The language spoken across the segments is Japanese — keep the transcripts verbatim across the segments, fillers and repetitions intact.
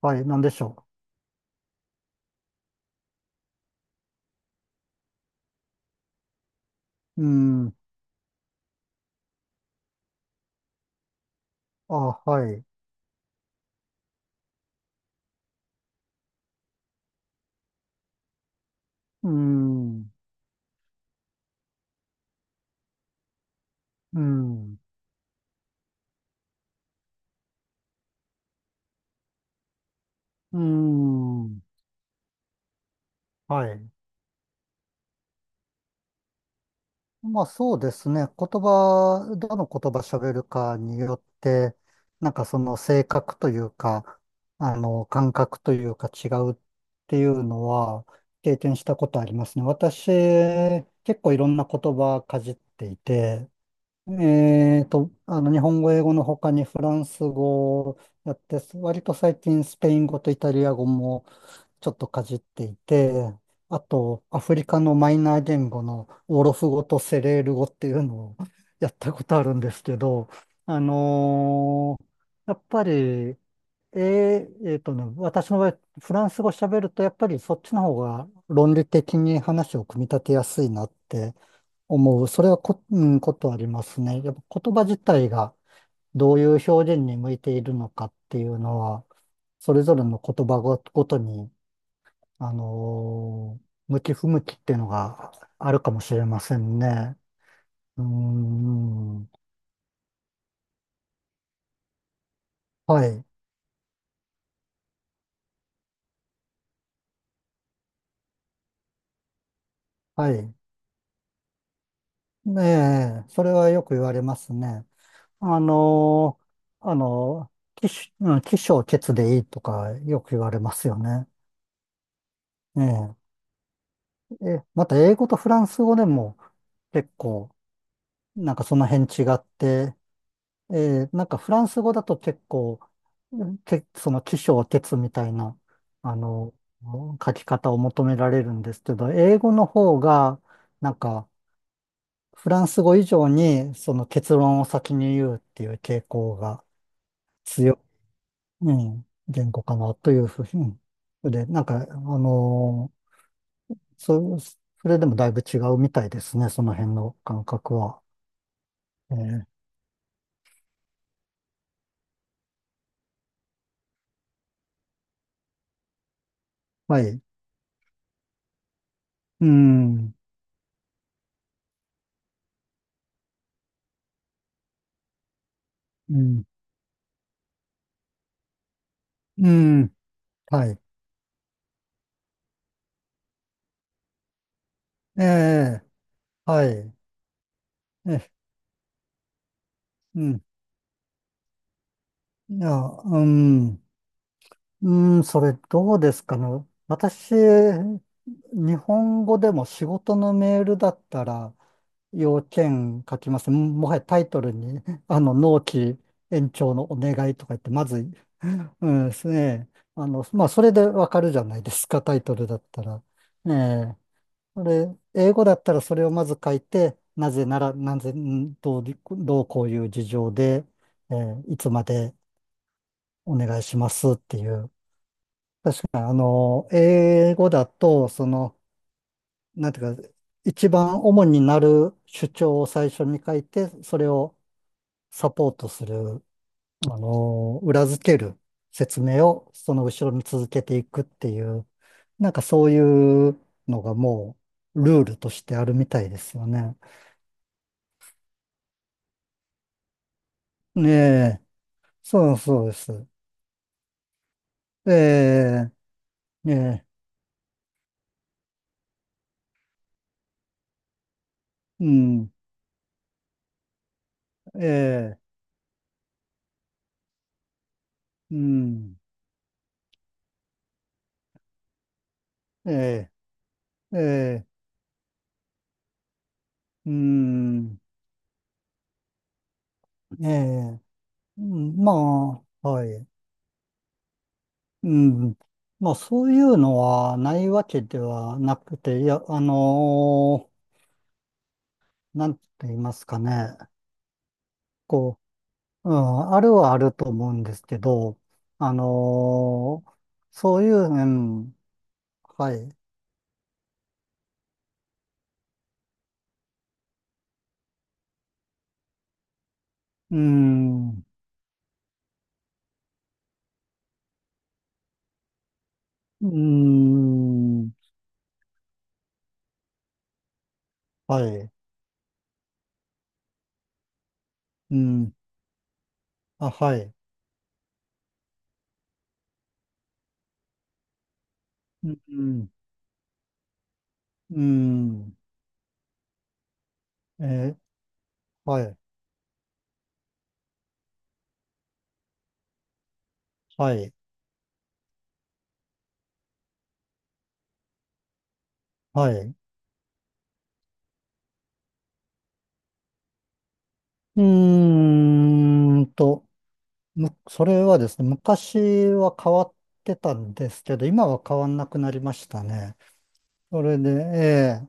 はい、なんでしょう。うん。あ、はい。うん。うん。うん。はい。まあそうですね。言葉、どの言葉喋るかによって、なんかその性格というか、あの、感覚というか違うっていうのは経験したことありますね。私、結構いろんな言葉かじっていて、えーと、あの、日本語、英語の他にフランス語をやって、割と最近スペイン語とイタリア語もちょっとかじっていて、あと、アフリカのマイナー言語のオロフ語とセレール語っていうのを やったことあるんですけど、あのーやっぱり、えー、えーとね、私の場合、フランス語喋ると、やっぱりそっちの方が論理的に話を組み立てやすいなって思う。それはこ、うん、ことありますね。やっぱ言葉自体がどういう表現に向いているのかっていうのは、それぞれの言葉ご、ごとに、あのー向き不向きっていうのがあるかもしれませんね。うーん。はい。はい。ねえ、それはよく言われますね。あのーあのー、起承うん起承結でいいとかよく言われますよね。ええ、えまた英語とフランス語でも結構なんかその辺違って、えーなんかフランス語だと結構、け、その起承転みたいな、あの、書き方を求められるんですけど、英語の方が、なんかフランス語以上にその結論を先に言うっていう傾向が強い、うん、言語かなというふうに。で、なんか、あのそ、それでもだいぶ違うみたいですね、その辺の感覚は。えーはい。うん。うんうん、はい。ええ、はい。え、うん。いや、うん、うん、それどうですかね。私、日本語でも仕事のメールだったら、要件書きます。もはやタイトルに、あの、納期延長のお願いとか言って、まず、うんですね。あの、まあ、それでわかるじゃないですか、タイトルだったら。ええこれ、英語だったらそれをまず書いて、なぜなら、なぜ、んどう、どうこういう事情で、えーいつまでお願いしますっていう。あの、英語だと、その、なんていうか、一番主になる主張を最初に書いて、それをサポートする、あの、裏付ける説明をその後ろに続けていくっていう、なんかそういうのがもうルールとしてあるみたいですよね。ねえ。そうそうです。ええー、うん、ええうん、ええええうん、ええうん、まあ、はい、うん。まあ、そういうのはないわけではなくて、いや、あのーなんて言いますかね。こう、うん、あるはあると思うんですけど、あのーそういう、うん、はい、うん、うん、はい。うん。あ、はい。うん。うん。えーはい。はい。はい。うーんと、む、それはですね、昔は変わってたんですけど、今は変わんなくなりましたね。それで、ええ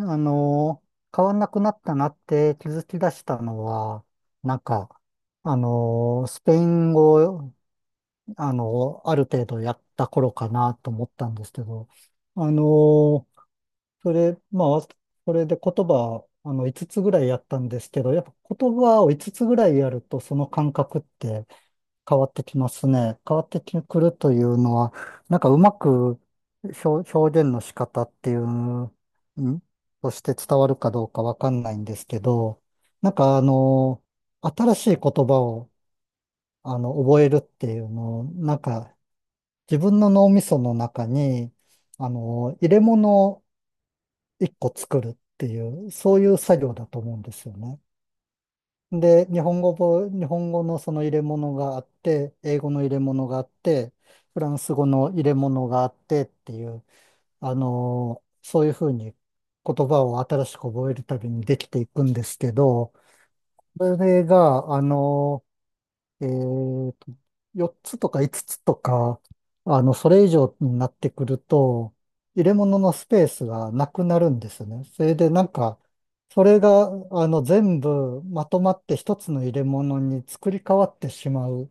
あの変わんなくなったなって気づき出したのは、なんか、あのスペイン語、あのある程度やった頃かなと思ったんですけど、あのそれ、まあ、それで言葉、あの、いつつつぐらいやったんですけど、やっぱ言葉をいつつつぐらいやると、その感覚って変わってきますね。変わってくるというのは、なんかうまく表、表現の仕方っていう、んとして伝わるかどうかわかんないんですけど、なんかあの、新しい言葉を、あの、覚えるっていうのを、なんか自分の脳みその中に、あの、入れ物一個作るっていう、そういう作業だと思うんですよね。で、日本語も、日本語のその入れ物があって、英語の入れ物があって、フランス語の入れ物があってっていう、あのーそういうふうに言葉を新しく覚えるたびにできていくんですけど、それが、あのえーと、よっつとかいつつつとか、あの、それ以上になってくると、入れ物のスペースがなくなるんですよね。それでなんか、それが、あの、全部まとまって一つの入れ物に作り変わってしまう、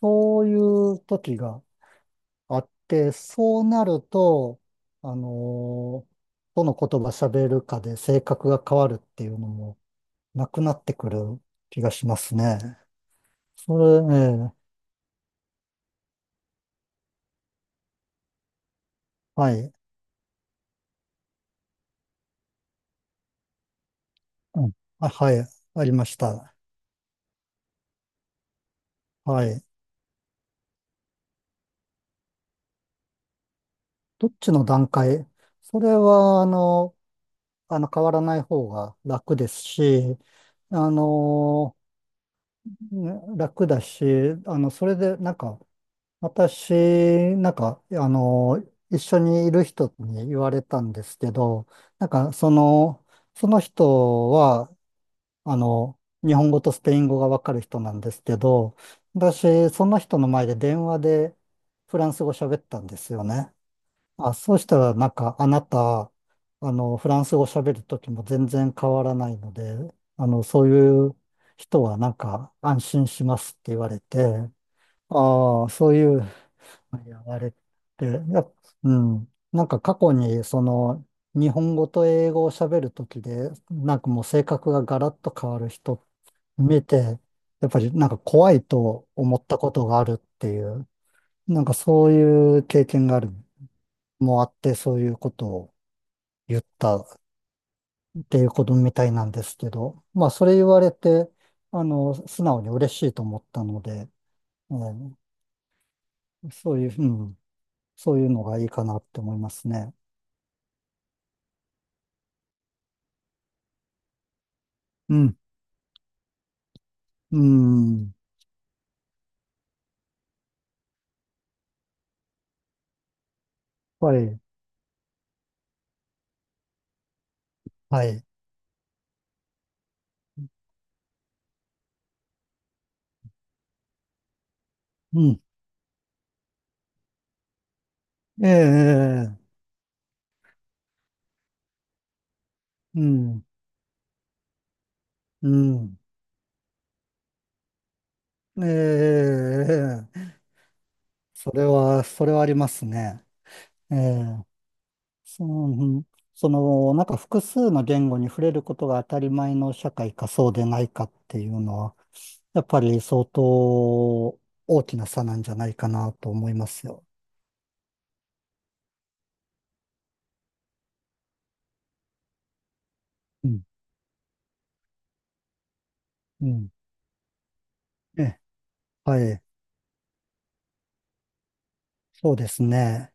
そういう時があって、そうなると、あのーどの言葉喋るかで性格が変わるっていうのもなくなってくる気がしますね。それ、ええはい。うん。あ、はい。ありました。はい。どっちの段階。それは、あの、あの、変わらない方が楽ですし、あの、ね楽だし、あの、それで、なんか、私、なんか、あの、一緒にいる人に言われたんですけど、なんか、その、その人は、あの、日本語とスペイン語がわかる人なんですけど、私、その人の前で電話でフランス語喋ったんですよね。あ、そうしたら、なんか、あなた、あの、フランス語喋るときも全然変わらないので、あの、そういう人は、なんか、安心しますって言われて、ああ、そういうの言われて、やっうん、なんか過去に、その、日本語と英語を喋るときで、なんかもう性格がガラッと変わる人見て、やっぱりなんか怖いと思ったことがあるっていう、なんかそういう経験がある、もあって、そういうことを言ったっていうことみたいなんですけど、まあそれ言われて、あの、素直に嬉しいと思ったので、えーそういう、うん、そういうのがいいかなって思いますね。うん、うん、はい、はい、うん、ええ、ええうん、うん、ええ、それは、それはありますね。ええ、その、その、なんか複数の言語に触れることが当たり前の社会かそうでないかっていうのは、やっぱり相当大きな差なんじゃないかなと思いますよ。うん、うん。ええ、はい、そうですね。